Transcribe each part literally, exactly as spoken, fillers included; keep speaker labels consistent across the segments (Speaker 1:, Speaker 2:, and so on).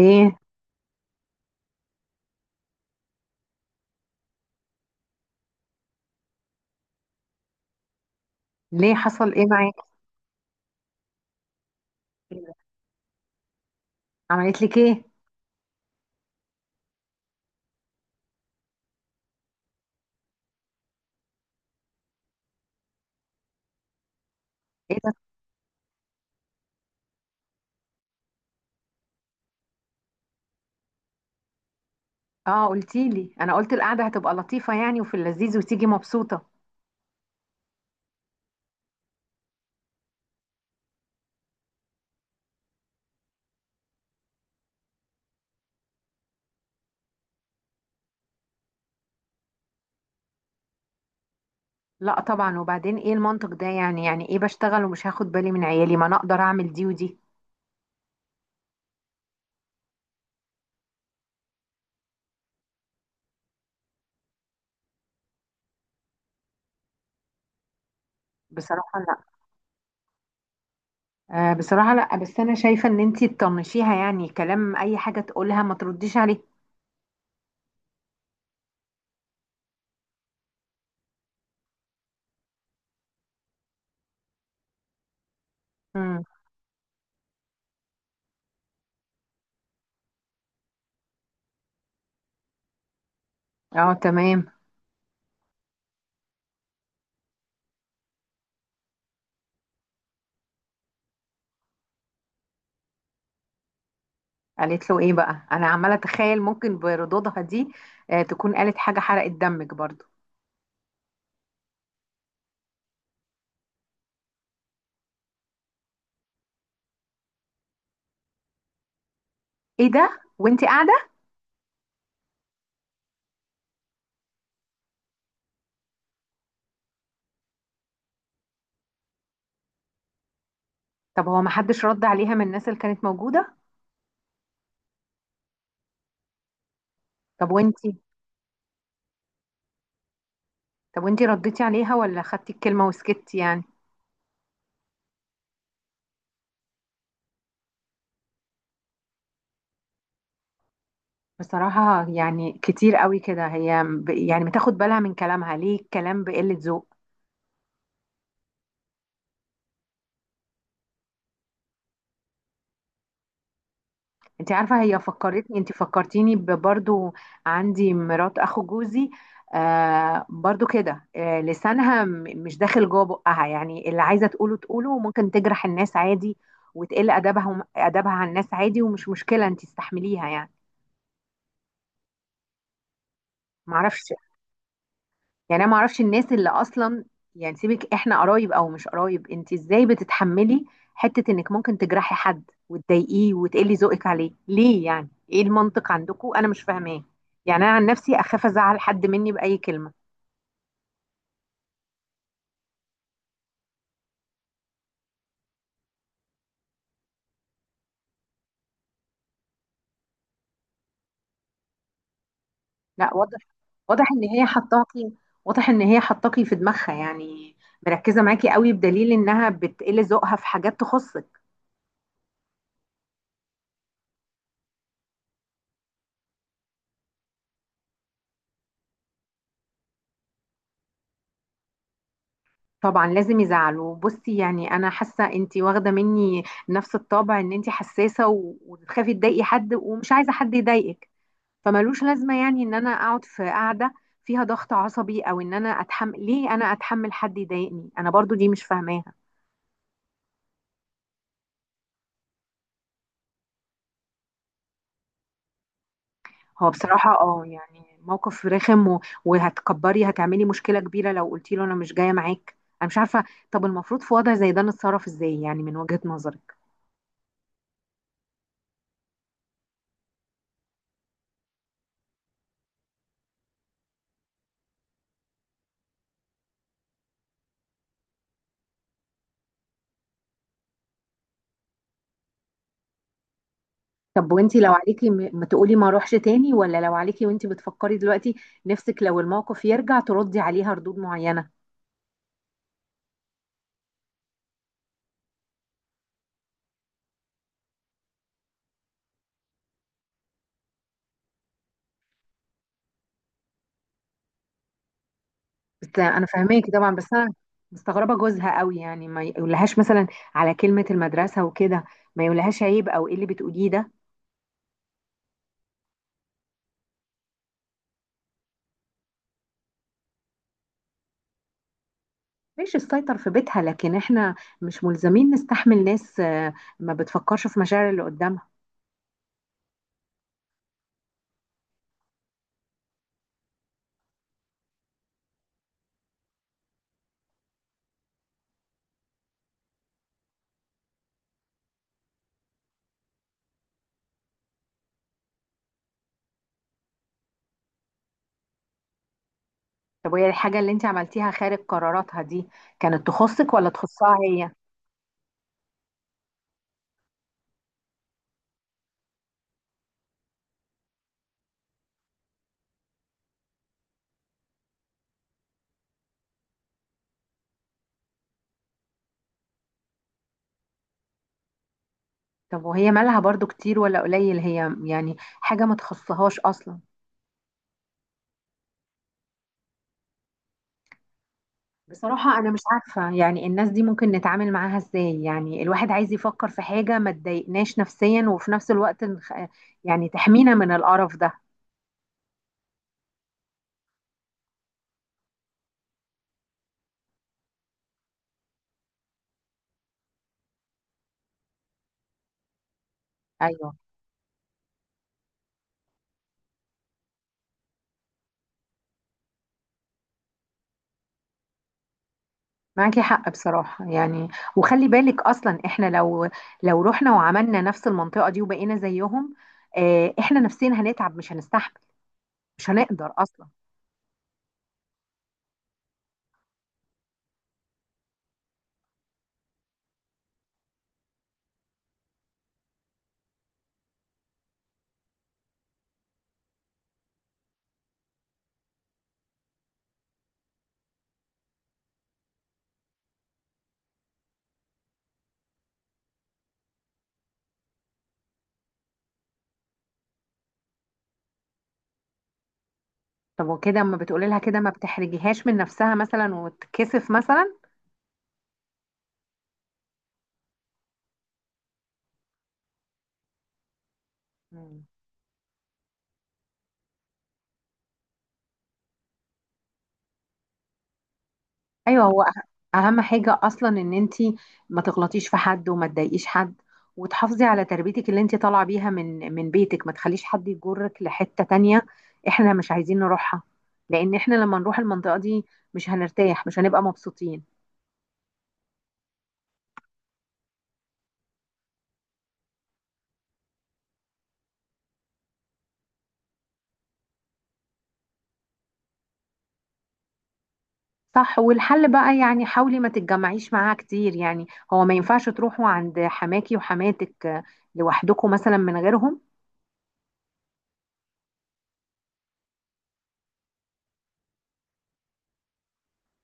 Speaker 1: ايه؟ ليه حصل ايه معاك؟ عملت لك ايه؟ ايه ده؟ اه، قلتي لي انا قلت القعده هتبقى لطيفه يعني وفي اللذيذ وتيجي مبسوطه. لا طبعا، وبعدين ايه المنطق ده؟ يعني يعني ايه بشتغل ومش هاخد بالي من عيالي؟ ما انا اقدر اعمل دي ودي. بصراحه لا. آه، بصراحه لا، بس انا شايفه ان انتي تطنشيها، يعني كلام اي حاجه تقولها ما ترديش عليه. امم. اه، تمام. قالت له ايه بقى؟ انا عماله اتخيل ممكن بردودها دي. آه، تكون قالت حاجه حرقت دمك برضو. ايه ده وانتي قاعده؟ طب هو ما حدش رد عليها من الناس اللي كانت موجودة؟ طب وانتي؟ طب وانتي رديتي عليها، ولا خدتي الكلمة وسكتي يعني؟ بصراحة يعني كتير قوي كده، هي ب- يعني بتاخد بالها من كلامها، ليه الكلام بقلة ذوق؟ انت عارفة، هي فكرتني انت فكرتيني ب- برضو. عندي مرات اخو جوزي. آه برضو كده، آه لسانها م- مش داخل جوه بقها، يعني اللي عايزة تقوله تقوله، وممكن تجرح الناس عادي. وتقل ادبها ادبها على الناس عادي، ومش مشكلة انت استحمليها يعني. معرفش. يعني انا ما اعرفش الناس اللي اصلا. يعني سيبك، احنا قرايب او مش قرايب، انت ازاي بتتحملي حتة انك ممكن تجرحي حد وتضايقيه وتقلي ذوقك عليه؟ ليه؟ يعني ايه المنطق عندكم؟ انا مش فاهماه. يعني انا عن نفسي اخاف ازعل حد مني باي كلمة. لا، واضح. واضح ان هي حطاكي. واضح ان هي حطاكي في دماغها يعني. مركزة معاكي قوي، بدليل انها بتقلي ذوقها في حاجات تخصك. طبعا لازم يزعلوا. بصي يعني انا حاسه انتي واخده مني نفس الطابع، ان انتي حساسه و- وتخافي تضايقي حد، ومش عايزه حد يضايقك. فملوش لازمه يعني ان انا اقعد في قاعده فيها ضغط عصبي، او ان انا اتحمل. ليه انا اتحمل حد يضايقني انا برضو؟ دي مش فاهماها. هو بصراحه اه، يعني موقف رخم و- وهتكبري هتعملي مشكله كبيره لو قلتي له انا مش جايه معاك. انا مش عارفه. طب المفروض في وضع زي ده نتصرف ازاي يعني من وجهه نظرك؟ طب وانتي لو عليكي، م- ما تقولي ما اروحش تاني، ولا لو عليكي وانتي بتفكري دلوقتي نفسك لو الموقف يرجع تردي عليها ردود معينة؟ بس انا فاهماكي طبعا، بس انا مستغربة جوزها قوي، يعني ما يقولهاش مثلا على كلمة المدرسة وكده؟ ما يقولهاش عيب او ايه اللي بتقوليه ده؟ ماشي، السيطر في بيتها، لكن احنا مش ملزمين نستحمل ناس آه، ما بتفكرش في مشاعر اللي قدامها. طب وهي الحاجة اللي انتي عملتيها خارج قراراتها دي كانت تخصك ولا تخصها هي؟ طب وهي مالها برضو، كتير ولا قليل هي يعني؟ حاجة ما تخصهاش أصلا. بصراحة أنا مش عارفة يعني، الناس دي ممكن نتعامل معاها إزاي؟ يعني الواحد عايز يفكر في حاجة ما تضايقناش نفسيا، وفي نفس الوقت نخ- يعني تحمينا من القرف ده. أيوه. معاكي حق بصراحة يعني. وخلي بالك أصلا، إحنا لو لو رحنا وعملنا نفس المنطقة دي وبقينا زيهم، آه، إحنا نفسيا هنتعب، مش هنستحمل، مش هنقدر أصلا. طب وكده أما بتقولي لها كده، ما بتحرجيهاش من نفسها مثلا وتكسف مثلا؟ مم. ايوه، هو أه- اهم حاجه اصلا ان انت ما تغلطيش في حد وما تضايقيش حد، وتحافظي على تربيتك اللي انت طالعه بيها من من بيتك، ما تخليش حد يجرك لحته تانية. احنا مش عايزين نروحها، لان احنا لما نروح المنطقه دي مش هنرتاح، مش هنبقى مبسوطين. صح، والحل بقى يعني حاولي ما تتجمعيش معاها كتير يعني. هو ما ينفعش تروحوا عند حماكي وحماتك آه، لوحدكم مثلا من غيرهم؟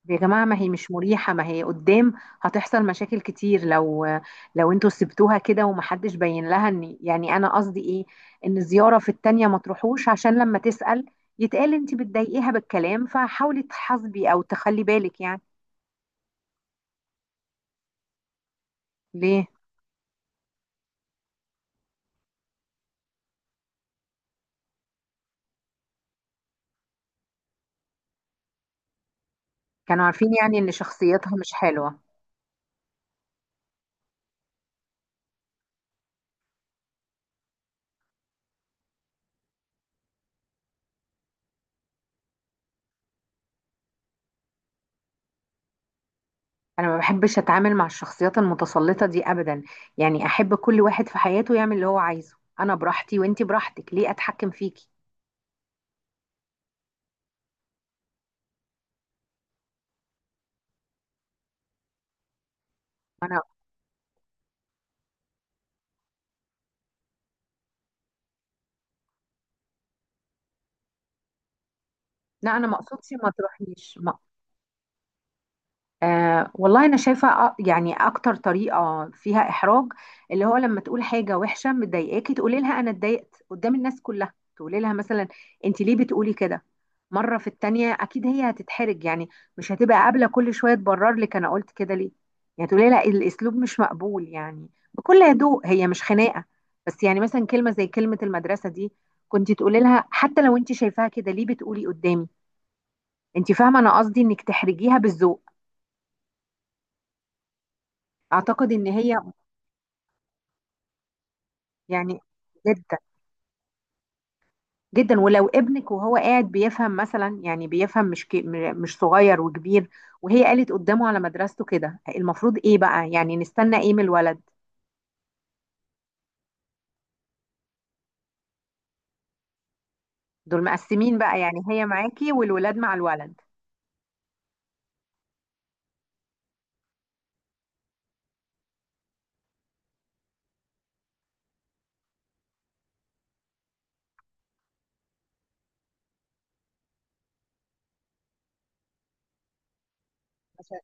Speaker 1: يا جماعة، ما هي مش مريحة، ما هي قدام هتحصل مشاكل كتير لو لو انتوا سبتوها كده، ومحدش بين لها. ان يعني انا قصدي ايه؟ ان زيارة في التانية ما تروحوش، عشان لما تسأل يتقال انت بتضايقيها بالكلام، فحاولي تحاسبي او تخلي بالك يعني. ليه؟ كانوا عارفين يعني ان شخصيتها مش حلوة؟ انا ما بحبش اتعامل مع الشخصيات المتسلطة دي ابدا، يعني احب كل واحد في حياته يعمل اللي هو عايزه، انا براحتي وانت براحتك، ليه اتحكم فيكي؟ انا، لا انا ما اقصدش ما تروحيش. آه والله، أنا شايفة أ- يعني أكتر طريقة فيها إحراج اللي هو لما تقول حاجة وحشة مضايقاكي، تقولي لها أنا اتضايقت قدام الناس كلها. تقولي لها مثلا، أنت ليه بتقولي كده؟ مرة في التانية أكيد هي هتتحرج يعني، مش هتبقى قابلة كل شوية تبرر لك أنا قلت كده ليه. يعني تقولي لها الأسلوب مش مقبول، يعني بكل هدوء، هي مش خناقة. بس يعني مثلا كلمة زي كلمة المدرسة دي، كنت تقولي لها حتى لو أنت شايفاها كده، ليه بتقولي قدامي؟ أنت فاهمة، أنا قصدي إنك تحرجيها بالذوق. اعتقد ان هي، يعني جدا، جدا. ولو ابنك وهو قاعد بيفهم مثلا، يعني بيفهم، مش كي م- مش صغير وكبير، وهي قالت قدامه على مدرسته كده، المفروض ايه بقى؟ يعني نستنى ايه من الولد؟ دول مقسمين بقى يعني، هي معاكي والولاد مع الولد. عشان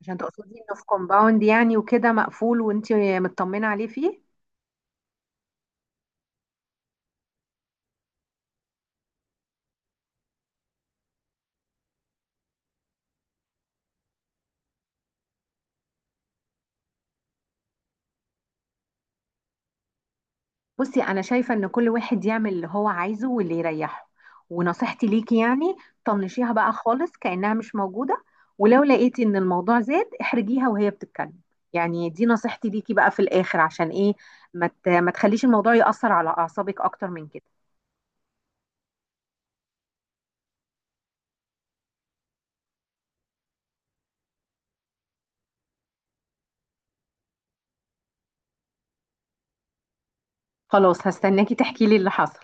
Speaker 1: عشان تقصدي انه في كومباوند يعني وكده مقفول وانت مطمنة عليه فيه؟ بصي انا شايفه ان كل واحد يعمل اللي هو عايزه واللي يريحه. ونصيحتي ليكي يعني طنشيها بقى خالص كأنها مش موجوده، ولو لقيتي ان الموضوع زاد احرجيها وهي بتتكلم. يعني دي نصيحتي ليكي بقى في الاخر، عشان ايه؟ ما ت- ما تخليش الموضوع يأثر على اعصابك اكتر من كده. خلاص، هستناكي تحكي لي اللي حصل.